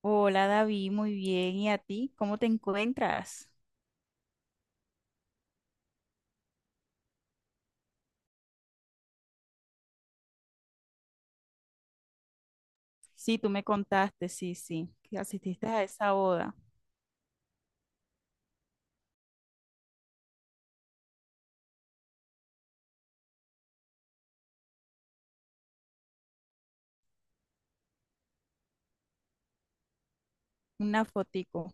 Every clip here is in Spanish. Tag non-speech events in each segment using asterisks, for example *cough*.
Hola David, muy bien. ¿Y a ti? ¿Cómo te encuentras? Sí, tú me contaste, sí, sí, que asististe a esa boda. Una fotico.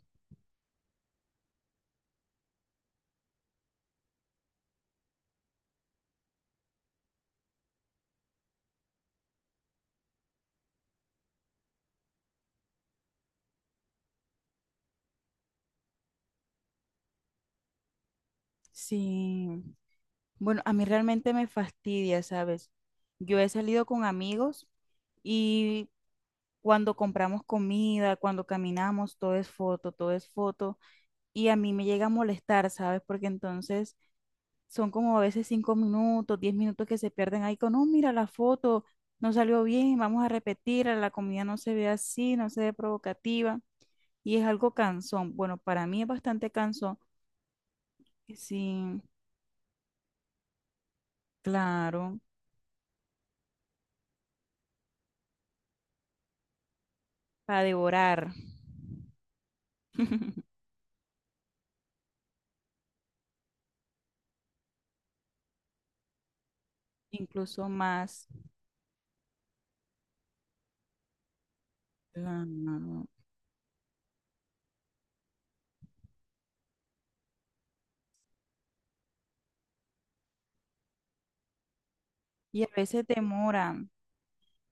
Sí. Bueno, a mí realmente me fastidia, ¿sabes? Yo he salido con amigos y cuando compramos comida, cuando caminamos, todo es foto, todo es foto. Y a mí me llega a molestar, ¿sabes? Porque entonces son como a veces 5 minutos, 10 minutos que se pierden ahí con, no, mira la foto, no salió bien, vamos a repetir, la comida no se ve así, no se ve provocativa y es algo cansón. Bueno, para mí es bastante cansón. Sí, claro, para devorar, *laughs* incluso más. Claro. Y a veces demoran.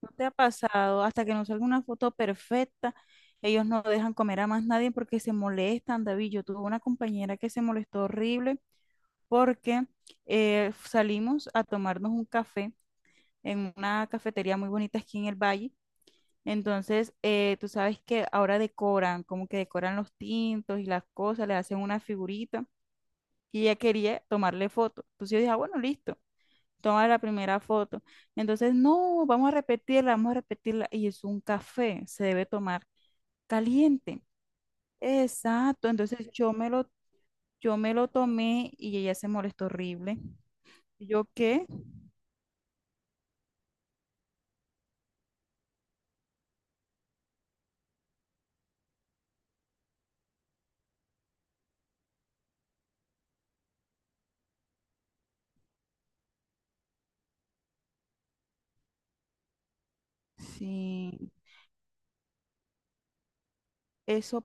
¿No te ha pasado? Hasta que no salga una foto perfecta, ellos no dejan comer a más nadie porque se molestan, David. Yo tuve una compañera que se molestó horrible porque salimos a tomarnos un café en una cafetería muy bonita aquí en el valle. Entonces, tú sabes que ahora decoran, como que decoran los tintos y las cosas, le hacen una figurita y ella quería tomarle foto. Entonces yo dije, "Ah, bueno, listo, toma la primera foto". Entonces, no, vamos a repetirla, vamos a repetirla. Y es un café, se debe tomar caliente. Exacto, yo me lo tomé y ella se molestó horrible. ¿Y yo qué? Sí, eso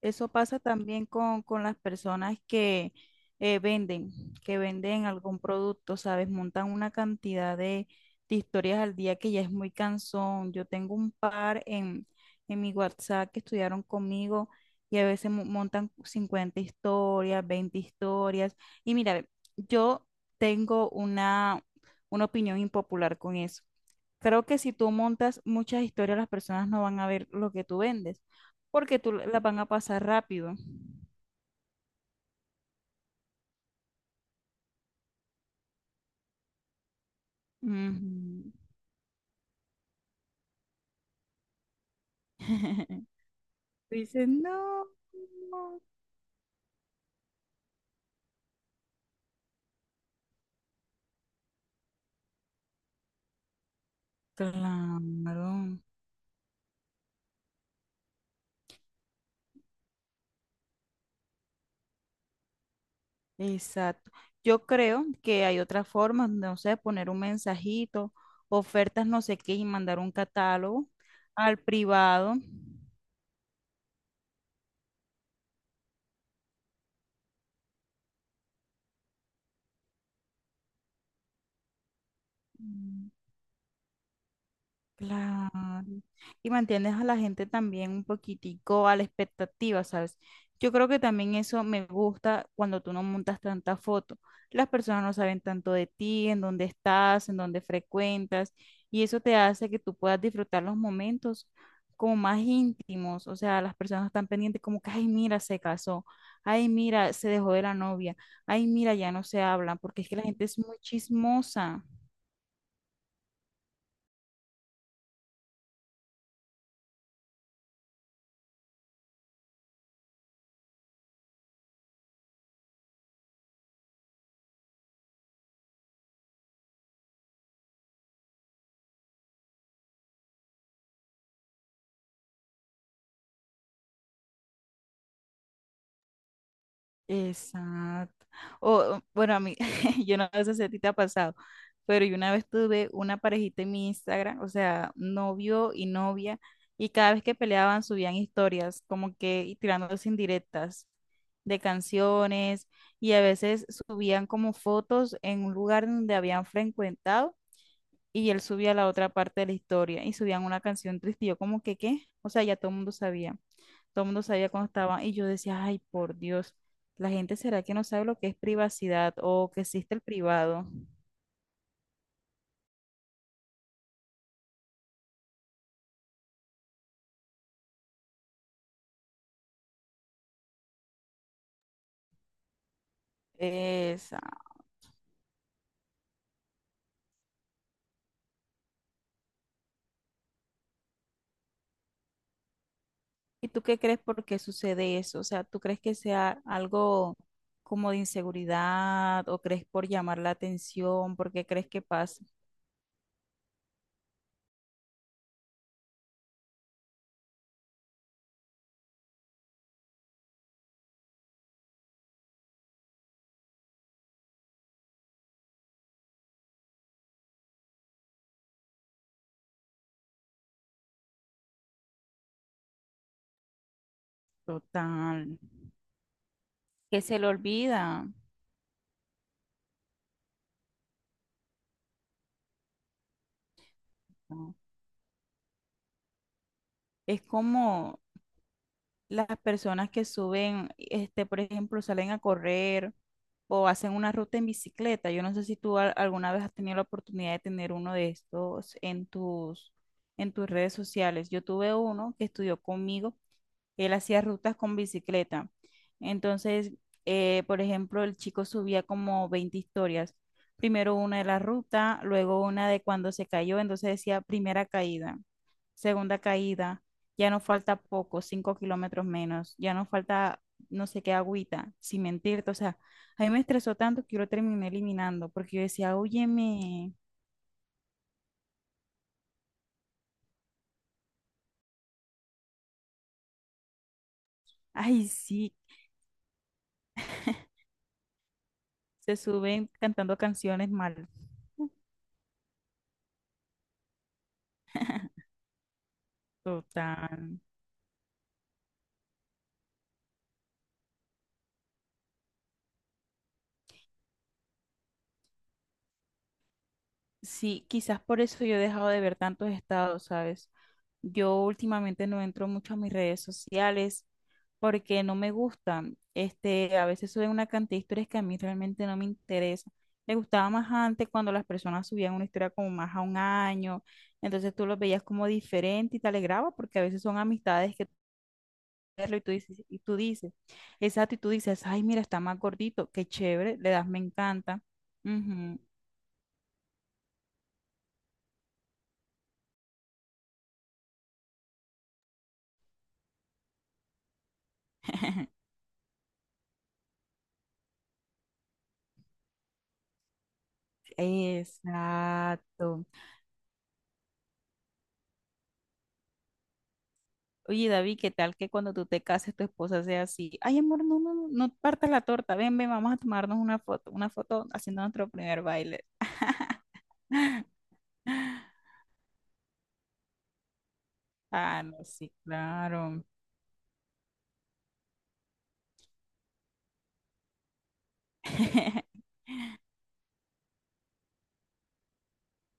eso pasa también con las personas que venden, que venden algún producto, ¿sabes? Montan una cantidad de historias al día que ya es muy cansón. Yo tengo un par en mi WhatsApp que estudiaron conmigo y a veces montan 50 historias, 20 historias. Y mira, ve, yo tengo una opinión impopular con eso. Creo que si tú montas muchas historias, las personas no van a ver lo que tú vendes porque tú las van a pasar rápido. Ujú. *laughs* Tú dices, no, claro, exacto. Yo creo que hay otras formas, no sé, poner un mensajito, ofertas no sé qué y mandar un catálogo al privado. Claro. Y mantienes a la gente también un poquitico a la expectativa, ¿sabes? Yo creo que también eso me gusta cuando tú no montas tanta foto. Las personas no saben tanto de ti, en dónde estás, en dónde frecuentas, y eso te hace que tú puedas disfrutar los momentos como más íntimos. O sea, las personas están pendientes como que, ay, mira, se casó, ay, mira, se dejó de la novia, ay, mira, ya no se hablan, porque es que la gente es muy chismosa. Exacto. O, bueno, a mí, *laughs* yo no sé si a ti te ha pasado, pero yo una vez tuve una parejita en mi Instagram, o sea, novio y novia, y cada vez que peleaban subían historias, como que y tirándose indirectas de canciones, y a veces subían como fotos en un lugar donde habían frecuentado, y él subía la otra parte de la historia, y subían una canción triste, y yo como que, ¿qué? O sea, ya todo el mundo sabía. Todo el mundo sabía cuando estaban y yo decía, ay, por Dios, la gente será que no sabe lo que es privacidad o que existe el privado. Esa. ¿Y tú qué crees por qué sucede eso? O sea, ¿tú crees que sea algo como de inseguridad o crees por llamar la atención? ¿Por qué crees que pasa? Total. Que se le olvida. ¿No? Es como, las personas que suben, por ejemplo, salen a correr o hacen una ruta en bicicleta. Yo no sé si tú alguna vez has tenido la oportunidad de tener uno de estos en en tus redes sociales. Yo tuve uno que estudió conmigo, él hacía rutas con bicicleta. Entonces, por ejemplo, el chico subía como 20 historias. Primero una de la ruta, luego una de cuando se cayó, entonces decía primera caída, segunda caída, ya no falta poco, 5 kilómetros menos, ya no falta no sé qué agüita, sin mentirte, o sea, a mí me estresó tanto que yo lo terminé eliminando, porque yo decía, óyeme, ay sí, se suben cantando canciones mal, total. Sí, quizás por eso yo he dejado de ver tantos estados, ¿sabes? Yo últimamente no entro mucho a mis redes sociales porque no me gustan. A veces suben una cantidad de historias que a mí realmente no me interesa. Me gustaba más antes cuando las personas subían una historia como más a un año, entonces tú los veías como diferente y te alegraba porque a veces son amistades que tú ves y tú dices, exacto, y tú dices, ay, mira, está más gordito, qué chévere, le das, me encanta. Ujú, exacto. Oye, David, ¿qué tal que cuando tú te cases tu esposa sea así? Ay, amor, no, no, no, no partas la torta. Ven, ven, vamos a tomarnos una foto haciendo nuestro primer baile. *laughs* Ah, no, sí, claro. *laughs*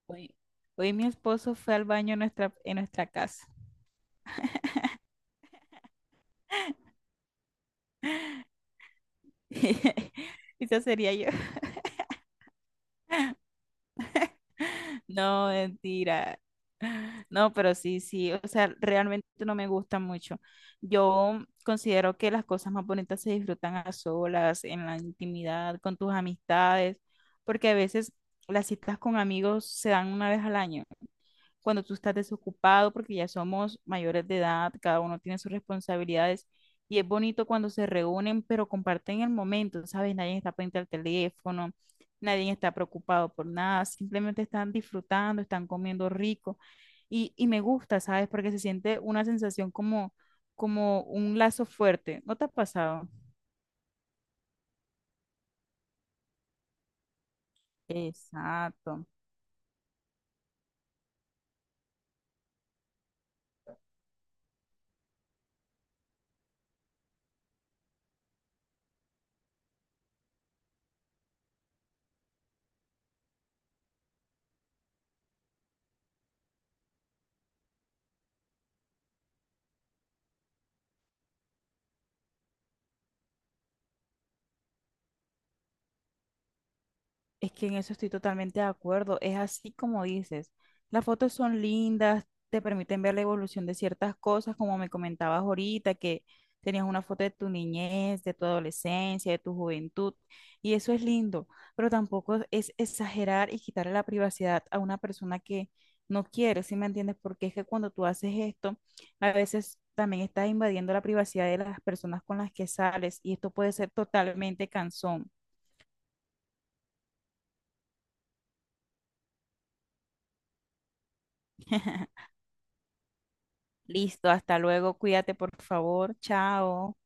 Hoy, hoy mi esposo fue al baño en en nuestra casa. *laughs* Esa sería yo. *laughs* No, mentira. No, pero sí, sí, o sea, realmente no me gusta mucho. Yo considero que las cosas más bonitas se disfrutan a solas, en la intimidad, con tus amistades, porque a veces las citas con amigos se dan una vez al año cuando tú estás desocupado, porque ya somos mayores de edad, cada uno tiene sus responsabilidades y es bonito cuando se reúnen, pero comparten el momento, ¿sabes? Nadie está pendiente al teléfono, nadie está preocupado por nada, simplemente están disfrutando, están comiendo rico y me gusta, ¿sabes? Porque se siente una sensación como, como un lazo fuerte. ¿No te ha pasado? Exacto. Es que en eso estoy totalmente de acuerdo. Es así como dices. Las fotos son lindas, te permiten ver la evolución de ciertas cosas, como me comentabas ahorita, que tenías una foto de tu niñez, de tu adolescencia, de tu juventud, y eso es lindo, pero tampoco es exagerar y quitarle la privacidad a una persona que no quiere, ¿sí me entiendes? Porque es que cuando tú haces esto, a veces también estás invadiendo la privacidad de las personas con las que sales, y esto puede ser totalmente cansón. *laughs* Listo, hasta luego, cuídate por favor, chao.